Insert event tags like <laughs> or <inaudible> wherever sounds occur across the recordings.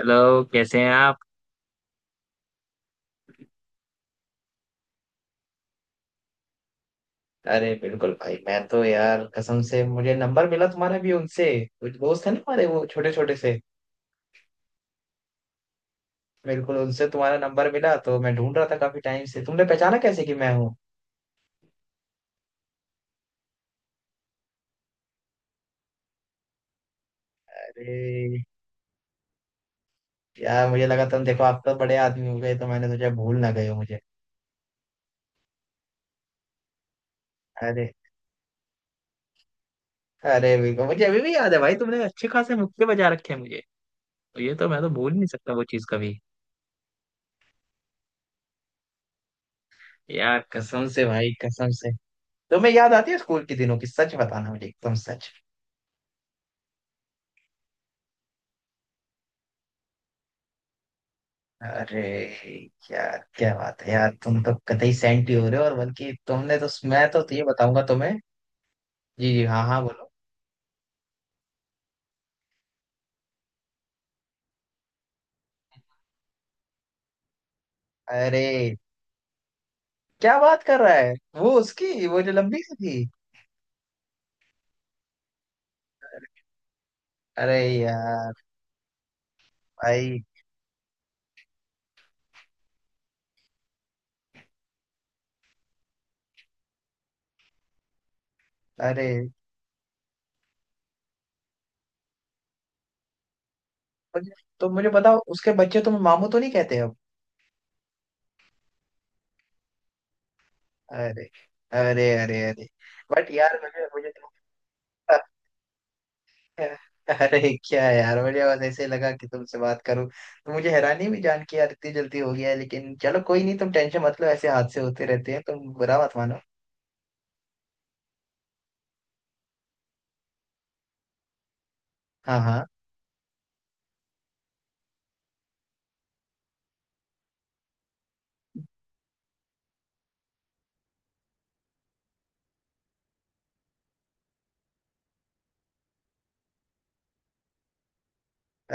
Hello, कैसे हैं आप? अरे बिल्कुल भाई, मैं तो यार कसम से, मुझे नंबर मिला तुम्हारा भी उनसे। कुछ दोस्त है ना हमारे, वो छोटे छोटे से। बिल्कुल, उनसे तुम्हारा नंबर मिला। तो मैं ढूंढ रहा था काफी टाइम से। तुमने पहचाना कैसे कि मैं हूँ? अरे यार, मुझे लगा, तुम देखो, आप तो बड़े आदमी हो गए, तो मैंने सोचा भूल ना गए हो मुझे। अरे! अरे बिल्कुल, मुझे अभी भी याद है भाई, तुमने अच्छे खासे मुक्के बजा रखे हैं मुझे। तो ये तो मैं तो भूल नहीं सकता वो चीज कभी। यार कसम से भाई, कसम से। तुम्हें याद आती है स्कूल के दिनों की? सच बताना मुझे, एकदम सच। अरे यार, क्या बात है यार, तुम तो कतई सेंटी हो रहे हो। और बल्कि तुमने तो, मैं तो ये बताऊंगा तुम्हें। जी जी, हाँ हाँ, बोलो। अरे, क्या बात कर रहा है? वो उसकी, वो जो लंबी सी थी? अरे यार! भाई। अरे, मुझे- तो मुझे बताओ, उसके बच्चे तुम्हें मामू तो नहीं कहते अब? अरे, अरे, अरे! अरे, बट यार, मुझे मुझे तो- अरे, क्या है यार, मुझे बस ऐसे ही लगा कि तुमसे बात करूं। तो मुझे हैरानी भी जान के यार, इतनी जल्दी हो गया है। लेकिन चलो, कोई नहीं, तुम टेंशन मत लो, ऐसे हादसे होते रहते हैं, तुम बुरा मत मानो। हाँ हाँ।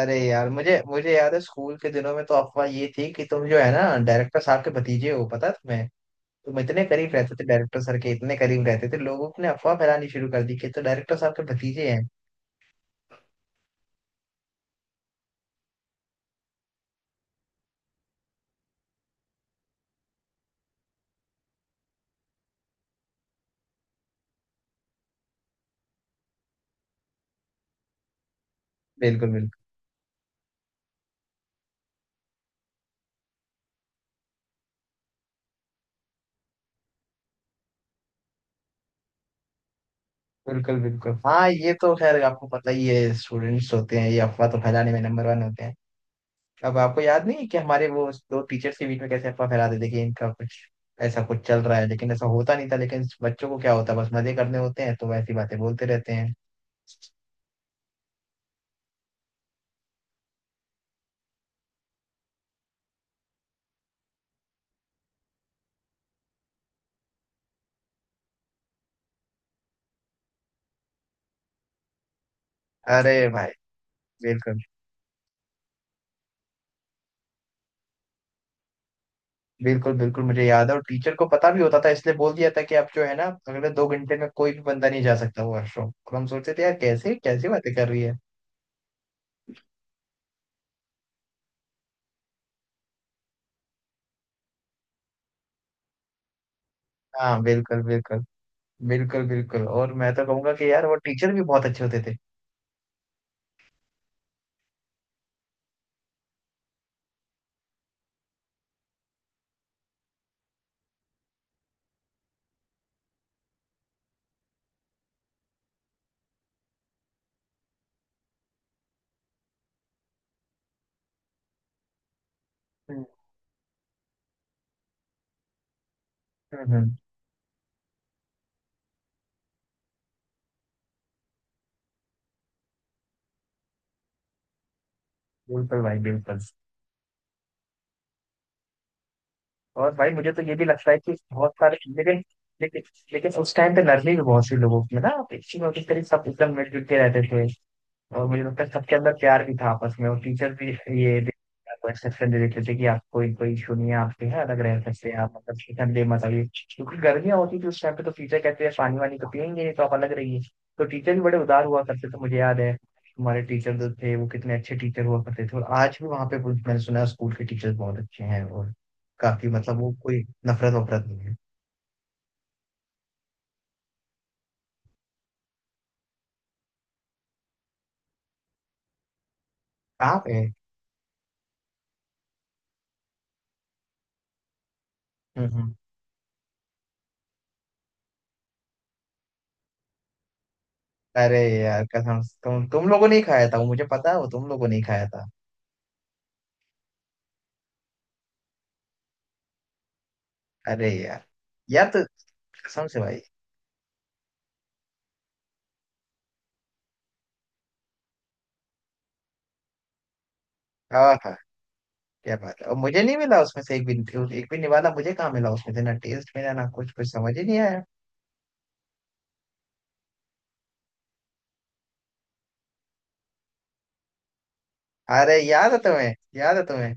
अरे यार, मुझे मुझे याद है, स्कूल के दिनों में तो अफवाह ये थी कि तुम जो है ना, डायरेक्टर साहब के भतीजे हो, पता है तुम्हें? तुम इतने करीब रहते थे, डायरेक्टर सर के इतने करीब रहते थे, लोगों ने अफवाह फैलानी शुरू कर दी कि तो डायरेक्टर साहब के भतीजे हैं। बिल्कुल बिल्कुल, बिल्कुल बिल्कुल। हाँ, ये तो खैर आपको पता ही है, स्टूडेंट्स होते हैं ये, अफवाह तो फैलाने में नंबर वन होते हैं। अब आपको याद नहीं है कि हमारे वो दो टीचर्स के बीच में कैसे अफवाह फैला देते कि इनका कुछ ऐसा कुछ चल रहा है। लेकिन ऐसा होता नहीं था। लेकिन बच्चों को क्या होता है, बस मजे करने होते हैं तो ऐसी बातें बोलते रहते हैं। अरे भाई। बिल्कुल। बिल्कुल बिल्कुल, मुझे याद है। और टीचर को पता भी होता था इसलिए बोल दिया था कि आप जो है ना, अगले 2 घंटे में कोई भी बंदा नहीं जा सकता वॉशरूम। और हम सोचते थे यार, कैसे कैसी बातें कर रही है। हाँ बिल्कुल बिल्कुल। बिल्कुल बिल्कुल, और मैं तो कहूंगा कि यार वो टीचर भी बहुत अच्छे होते थे। हम्म, हम्म, हम्म। बिल्कुल भाई, बिल्कुल। और भाई मुझे तो ये भी लगता है कि बहुत सारे लेकिन, लेकिन लेकिन उस टाइम पे नरमी भी बहुत सी लोगों में ना, अच्छी में उसी तरह सब एकदम मिलजुल के रहते थे। और मुझे लगता है सबके अंदर प्यार भी था आपस में, और टीचर भी। ये दे- आपको एक्सेप्शन दे देते थे कि आपको कोई कोई इशू नहीं है, आपके यहाँ अलग रह सकते हैं आप, मतलब ठंडे मत आइए। क्योंकि गर्मियाँ होती थी उस टाइम पे, तो टीचर कहते हैं पानी वानी तो पियेंगे नहीं, तो आप अलग रहिए। तो टीचर भी बड़े उदार हुआ करते थे, मुझे याद है। हमारे टीचर जो थे वो कितने अच्छे टीचर हुआ करते थे, और आज भी वहाँ पे मैंने सुना है स्कूल के टीचर बहुत अच्छे हैं। और काफी, मतलब वो कोई नफरत वफरत नहीं है। आप है। हम्म, अरे यार कसम से, तुम लोगों ने ही खाया था वो, मुझे पता है, वो तुम लोगों ने ही खाया था। अरे यार! यार, तो कसम से भाई। हाँ हाँ। क्या बात है! और मुझे नहीं मिला उसमें से एक भी। एक भी निवाला मुझे कहाँ मिला उसमें से। ना टेस्ट मिला, ना कुछ, कुछ समझ ही नहीं आया। अरे, याद है तुम्हें? याद है तुम्हें?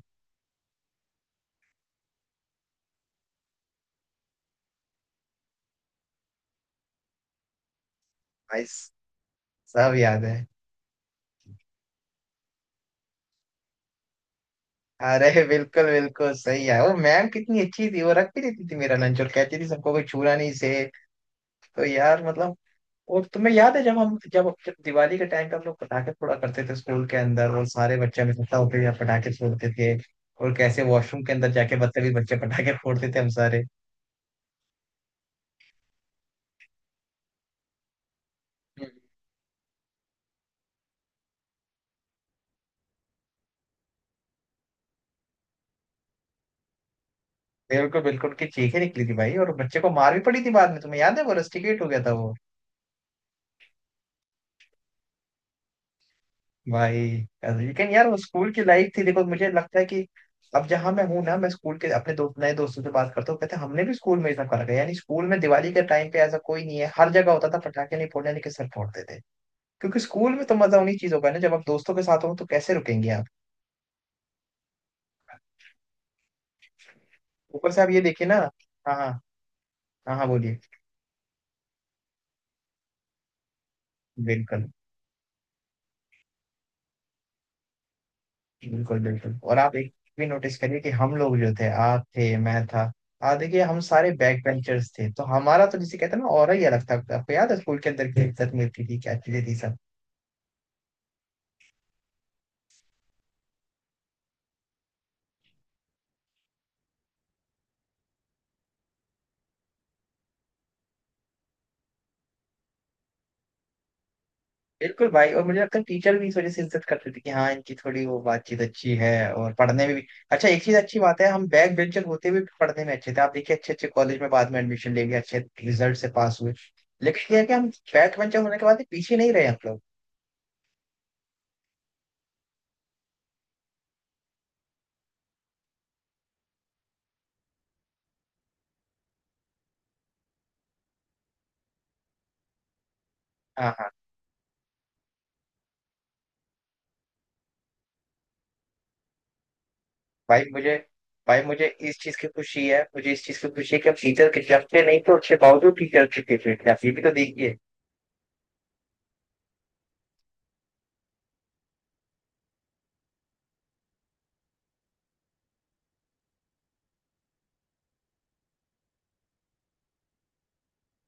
भाई, सब याद है। अरे बिल्कुल बिल्कुल सही है, वो मैम कितनी अच्छी थी, वो रख भी देती थी मेरा लंच, और कहती थी सबको कोई छूना नहीं से। तो यार मतलब। और तुम्हें याद है जब जब दिवाली के टाइम पे हम लोग पटाखे फोड़ा करते थे स्कूल के अंदर, और सारे बच्चे हम इकट्ठा होकर यहाँ पटाखे फोड़ते थे। और कैसे वॉशरूम के अंदर जाके बदतमीज बच्चे पटाखे फोड़ते थे हम सारे। हम्म। बिल्कुल बिल्कुल, उनकी चीखें निकली थी भाई, और बच्चे को मार भी पड़ी थी बाद में, तुम्हें याद है? वो रस्टिकेट हो गया था वो। भाई। लेकिन यार, वो स्कूल की लाइफ थी, देखो। मुझे लगता है कि अब जहां मैं हूँ ना, मैं स्कूल के अपने दोस्त, नए दोस्तों से बात करता हूँ, कहते हैं हमने भी स्कूल में ये सब करा है। यानी स्कूल में दिवाली के टाइम पे ऐसा कोई नहीं है, हर जगह होता था। पटाखे नहीं फोड़ने के सर फोड़ते थे। क्योंकि स्कूल में तो मजा उन्हीं चीजों का है ना, जब आप दोस्तों के साथ हो, तो कैसे रुकेंगे आप? ऊपर से आप ये देखिए ना। हाँ हाँ, हाँ हाँ, बोलिए। बिल्कुल बिल्कुल बिल्कुल, और आप एक भी नोटिस करिए कि हम लोग जो थे, आप थे, मैं था। हाँ, देखिए हम सारे बैक बेंचर्स थे, तो हमारा तो जिसे कहते हैं ना, और ही अलग था। आपको याद है स्कूल के अंदर की इज्जत मिलती थी, क्या चीजें थी सब। बिल्कुल भाई, और मुझे लगता है टीचर भी इस वजह से इज्जत करते थे कि हाँ, इनकी थोड़ी वो बातचीत अच्छी है, और पढ़ने में भी। अच्छा, एक चीज अच्छी बात है, हम बैक बेंचर होते हुए भी पढ़ने में अच्छे थे। आप देखिए, अच्छे अच्छे कॉलेज में बाद में एडमिशन ले लिया, अच्छे रिजल्ट से पास हुए। लेकिन ये है कि हम बैक बेंचर होने के बाद भी पीछे नहीं रहे हम लोग। हाँ हाँ, भाई मुझे भाई मुझे इस चीज की खुशी है, मुझे इस चीज की खुशी है कि हम टीचर के डरते नहीं, तो अच्छे बावजूद टीचर के फेवरेट थे, आप ये भी तो देखिए।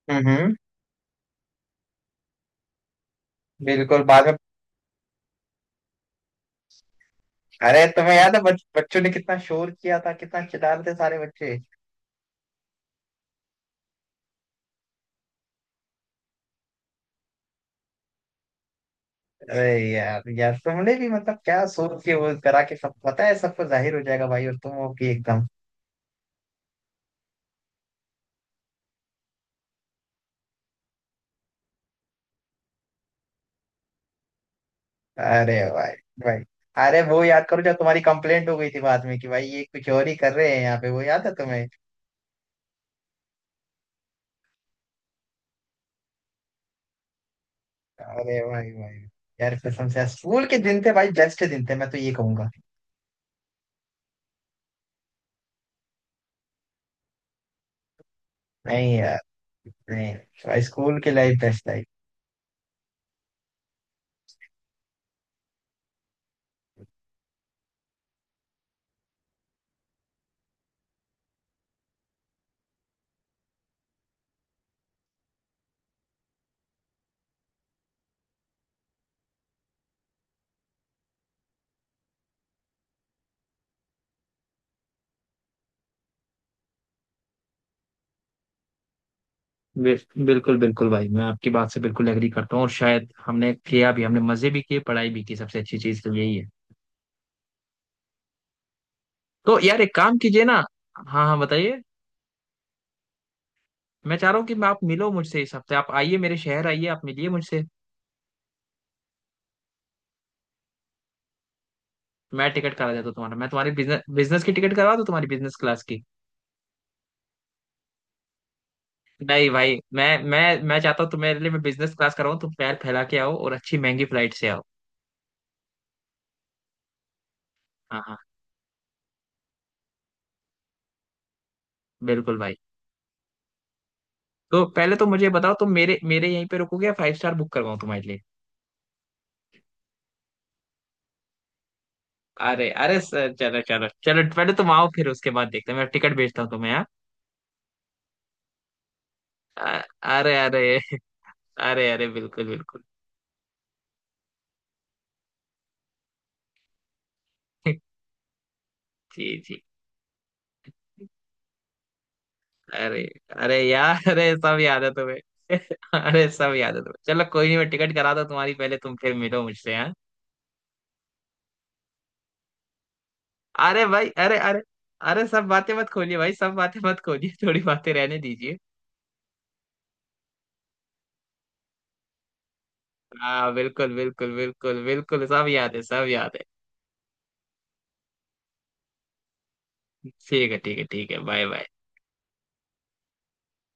हम्म, बिल्कुल बाद में। अरे, तुम्हें याद है बच्चों ने कितना शोर किया था, कितना चिल्ला रहे थे सारे बच्चे। अरे यार यार, तुमने भी मतलब क्या सोच के वो करा, के सब पता है, सबको जाहिर हो जाएगा भाई, और तुम हो कि एकदम। अरे भाई भाई, अरे वो याद करो जब तुम्हारी कंप्लेंट हो गई थी बाद में कि भाई ये कुछ और ही कर रहे हैं यहाँ पे, वो याद है तुम्हें? अरे भाई भाई! यार कसम से यार, स्कूल के दिन थे भाई, बेस्ट दिन थे, मैं तो ये कहूंगा। नहीं यार, नहीं, भाई स्कूल की लाइफ बेस्ट लाइफ। बिल्कुल बिल्कुल भाई, मैं आपकी बात से बिल्कुल एग्री करता हूँ, और शायद हमने किया भी, हमने मजे भी किए, पढ़ाई भी की, सबसे अच्छी चीज़ तो यही है। तो यार एक काम कीजिए ना। हाँ हाँ, बताइए। मैं चाह रहा हूँ कि मैं, आप मिलो मुझसे इस हफ्ते, आप आइए मेरे शहर, आइए आप मिलिए मुझसे। मैं टिकट करा देता हूँ तुम्हारा, मैं तुम्हारी बिजनेस बिजनेस की टिकट करवा दूँ, तुम्हारी बिजनेस क्लास की। नहीं भाई, मैं चाहता हूँ तुम्हारे लिए मैं बिजनेस क्लास कराऊँ, तुम पैर फैला के आओ और अच्छी महंगी फ्लाइट से आओ। हाँ हाँ, बिल्कुल भाई। तो पहले तो मुझे बताओ, तुम मेरे मेरे यहीं पे रुकोगे या फाइव स्टार बुक करवाऊँ तुम्हारे लिए? अरे अरे, सर, चलो चलो चलो, पहले तुम आओ, फिर उसके बाद देखते हैं, मैं टिकट भेजता हूँ तुम्हें यहाँ। अ- अरे अरे <laughs> अरे अरे, बिल्कुल बिल्कुल। जी जी। अरे, अरे यार, अरे सब याद है तुम्हें <laughs> अरे सब याद है तुम्हें, चलो कोई नहीं, मैं टिकट कराता हूँ तुम्हारी पहले, तुम फिर मिलो मुझसे, हाँ। अरे भाई, अरे अरे। अरे सब बातें मत खोलिए भाई, सब बातें मत खोलिए, थोड़ी बातें रहने दीजिए। हाँ बिल्कुल बिल्कुल, बिल्कुल बिल्कुल, सब याद है, सब याद है। ठीक है ठीक है ठीक है, बाय बाय।